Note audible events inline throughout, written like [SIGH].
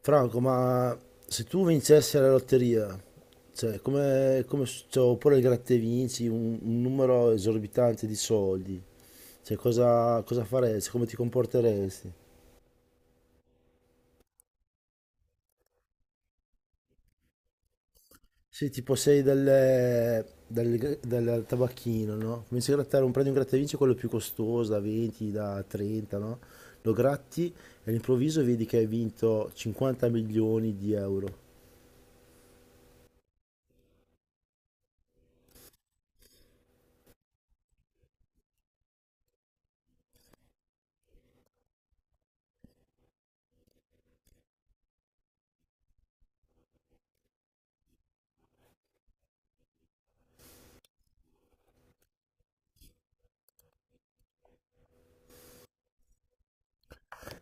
Franco, ma se tu vincessi alla lotteria, cioè, cioè, oppure il gratta e vinci un numero esorbitante di soldi, cioè, cosa faresti? Come ti comporteresti? Sì, tipo sei del tabacchino, no? Cominci a grattare un prendi un gratta e vinci quello più costoso, da 20, da 30, no? Lo gratti e all'improvviso vedi che hai vinto 50 milioni di euro.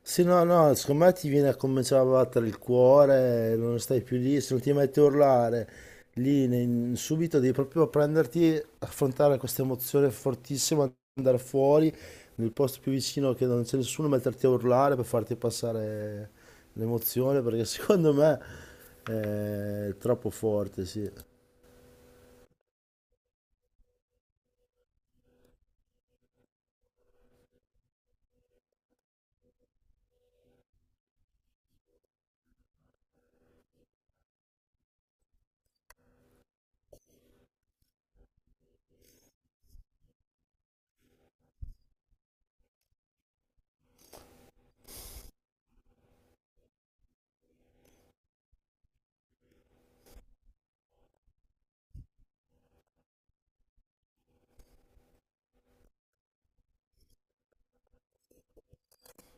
Sì, no, no, secondo me ti viene a cominciare a battere il cuore, non stai più lì, se non ti metti a urlare subito devi proprio prenderti, affrontare questa emozione fortissima, andare fuori nel posto più vicino che non c'è nessuno, metterti a urlare per farti passare l'emozione, perché [LAUGHS] secondo me è troppo forte, sì.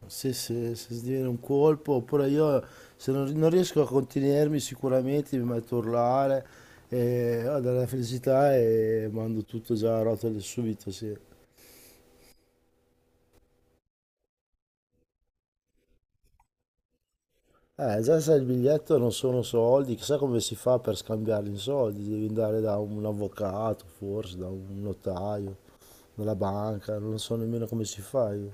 Se sviene un colpo, oppure io se non riesco a contenermi sicuramente mi metto a urlare, e, ho della felicità e mando tutto già a rotelle subito, sì. Già sai, il biglietto non sono soldi, chissà come si fa per scambiarli in soldi, devi andare da un avvocato, forse, da un notaio, dalla banca, non so nemmeno come si fa io.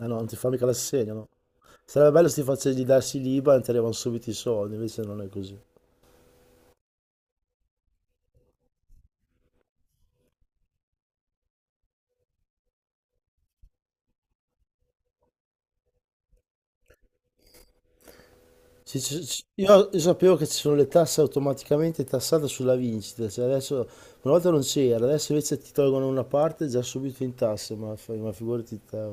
Ah no, non ti fa mica l'assegno, no? Sarebbe bello se ti facessi darsi l'IBAN e ti arrivano subito i soldi, invece non è così. Io sapevo che ci sono le tasse automaticamente tassate sulla vincita, cioè adesso, una volta non c'era, adesso invece ti tolgono una parte già subito in tasse, ma figurati te.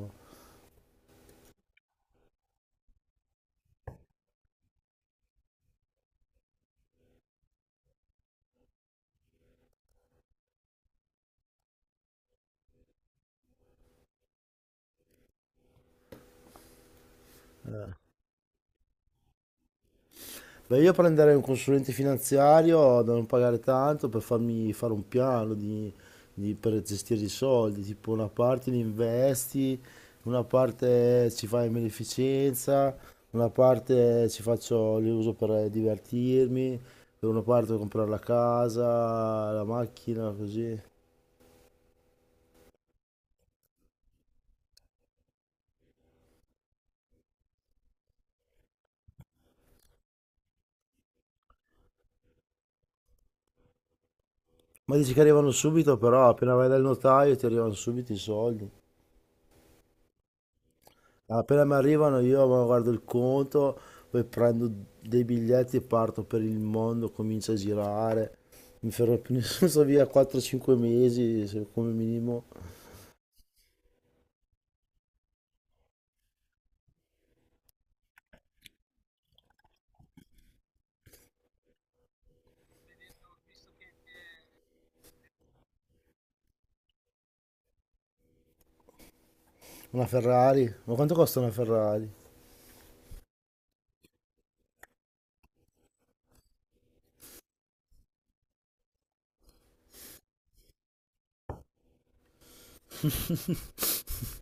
Beh, io prenderei un consulente finanziario da non pagare tanto per farmi fare un piano per gestire i soldi, tipo una parte li investi, una parte ci fai in beneficenza, una parte ci faccio, li uso per divertirmi, per una parte per comprare la casa, la macchina, così. Ma dici che arrivano subito, però appena vai dal notaio ti arrivano subito i soldi. Appena mi arrivano io ma guardo il conto, poi prendo dei biglietti e parto per il mondo, comincio a girare. Mi fermo più [LAUGHS] nessuno, sto via 4-5 mesi come minimo. Una Ferrari? Ma quanto costa una Ferrari? [LAUGHS]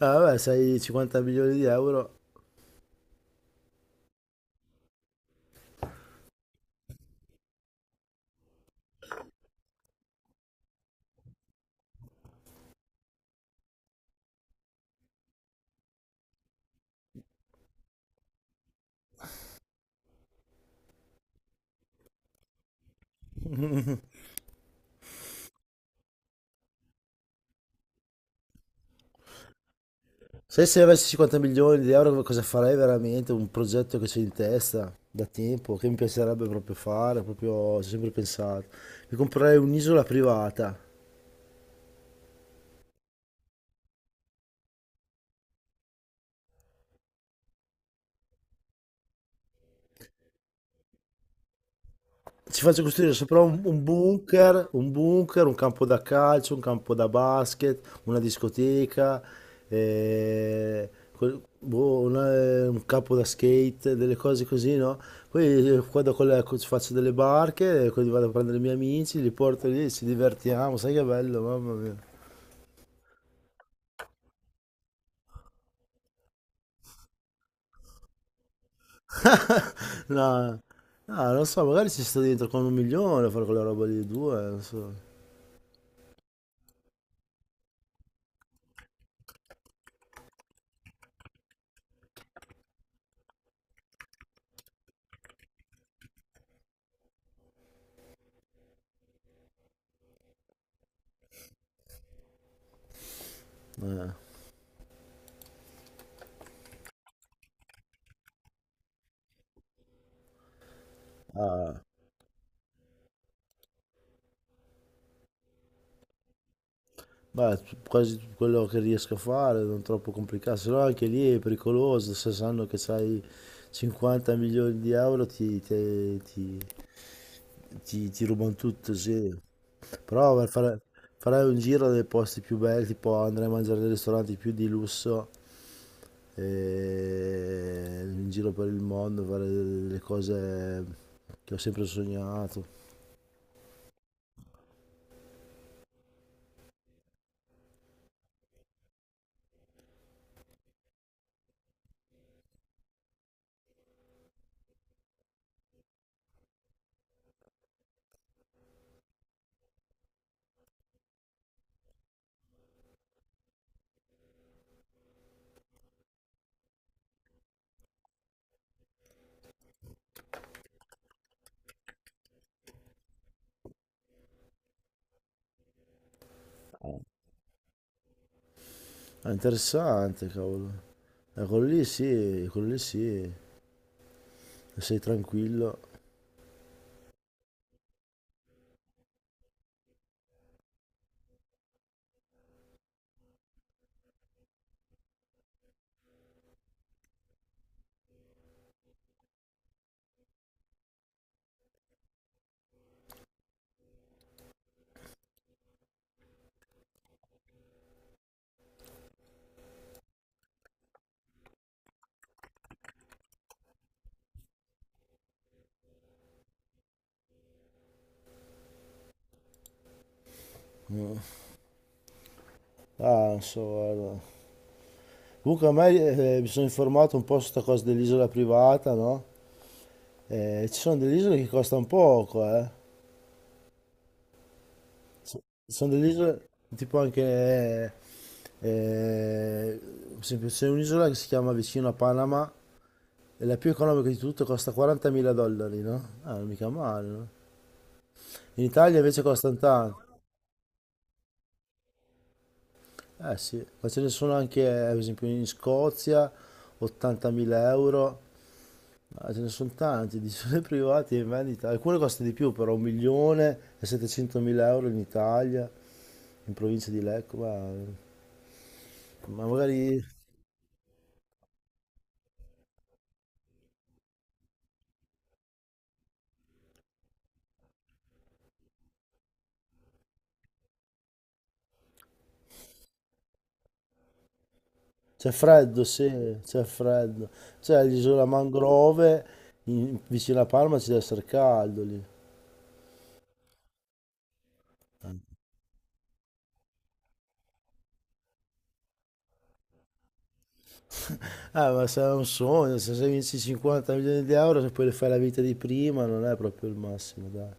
Ah, vabbè, sei 50 milioni di euro. Se avessi 50 milioni di euro cosa farei veramente? Un progetto che c'è in testa da tempo, che mi piacerebbe proprio fare, proprio ci ho sempre pensato. Mi comprerei un'isola privata. Ci faccio costruire sopra un bunker, un campo da calcio, un campo da basket, una discoteca, boh, un campo da skate, delle cose così, no? Poi vado con ci faccio delle barche, poi vado a prendere i miei amici, li porto lì, ci divertiamo, sai che bello, mamma mia. No, no, non so, magari ci sto dentro con un milione a fare quella roba lì, due, non so. Ah. Beh, quasi tutto quello che riesco a fare, non troppo complicato, se no anche lì è pericoloso, se sanno che hai 50 milioni di euro ti rubano tutto, sì. Però farai un giro dei posti più belli, tipo andrai a mangiare nei ristoranti più di lusso, e in giro per il mondo, fare le cose che ho sempre sognato. È interessante, cavolo. Quello lì sì, sei tranquillo. Ah, non so, guarda. Comunque a me mi sono informato un po' su questa cosa dell'isola privata, no? Ci sono delle isole che costano poco, eh. Ci sono delle isole tipo anche eh, per esempio c'è un'isola che si chiama vicino a Panama e la più economica di tutte costa 40.000 dollari, no? Ah, non mica male, no? In Italia invece costano tanto. Eh sì, ma ce ne sono anche, per esempio, in Scozia 80.000 euro. Ah, ce ne sono tanti, [LAUGHS] di sole privati in vendita. Alcune costano di più, però 1.700.000 euro in Italia, in provincia di Lecco, ma magari c'è freddo, sì, c'è freddo. C'è l'isola Mangrove, vicino a Palma ci deve essere caldo lì. Ma se è un sogno, se vinci 50 milioni di euro, se poi le fai la vita di prima, non è proprio il massimo, dai.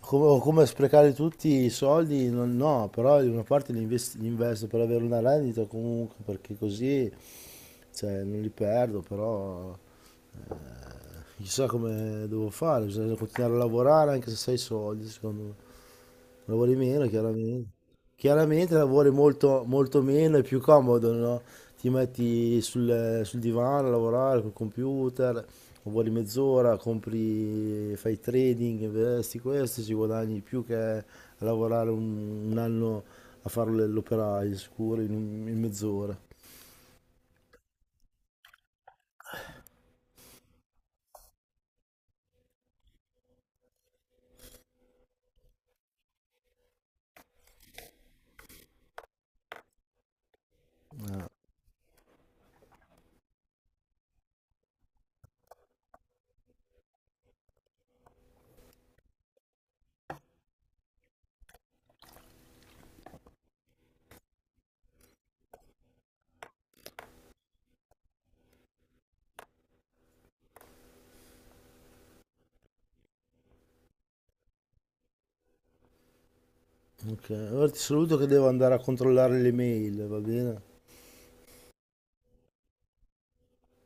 Come, o come sprecare tutti i soldi, no, però di una parte li investo per avere una rendita comunque, perché così cioè, non li perdo, però eh, chissà come devo fare, bisogna continuare a lavorare anche se sei soldi, secondo me. Lavori meno, chiaramente. Chiaramente lavori molto, molto meno, è più comodo, no? Ti metti sul divano a lavorare col computer, lavori mezz'ora, compri, fai trading, investi questo, ci guadagni di più che a lavorare un anno a fare l'operaio, sicuro, in mezz'ora. Ok, ora ti saluto che devo andare a controllare le mail, va bene?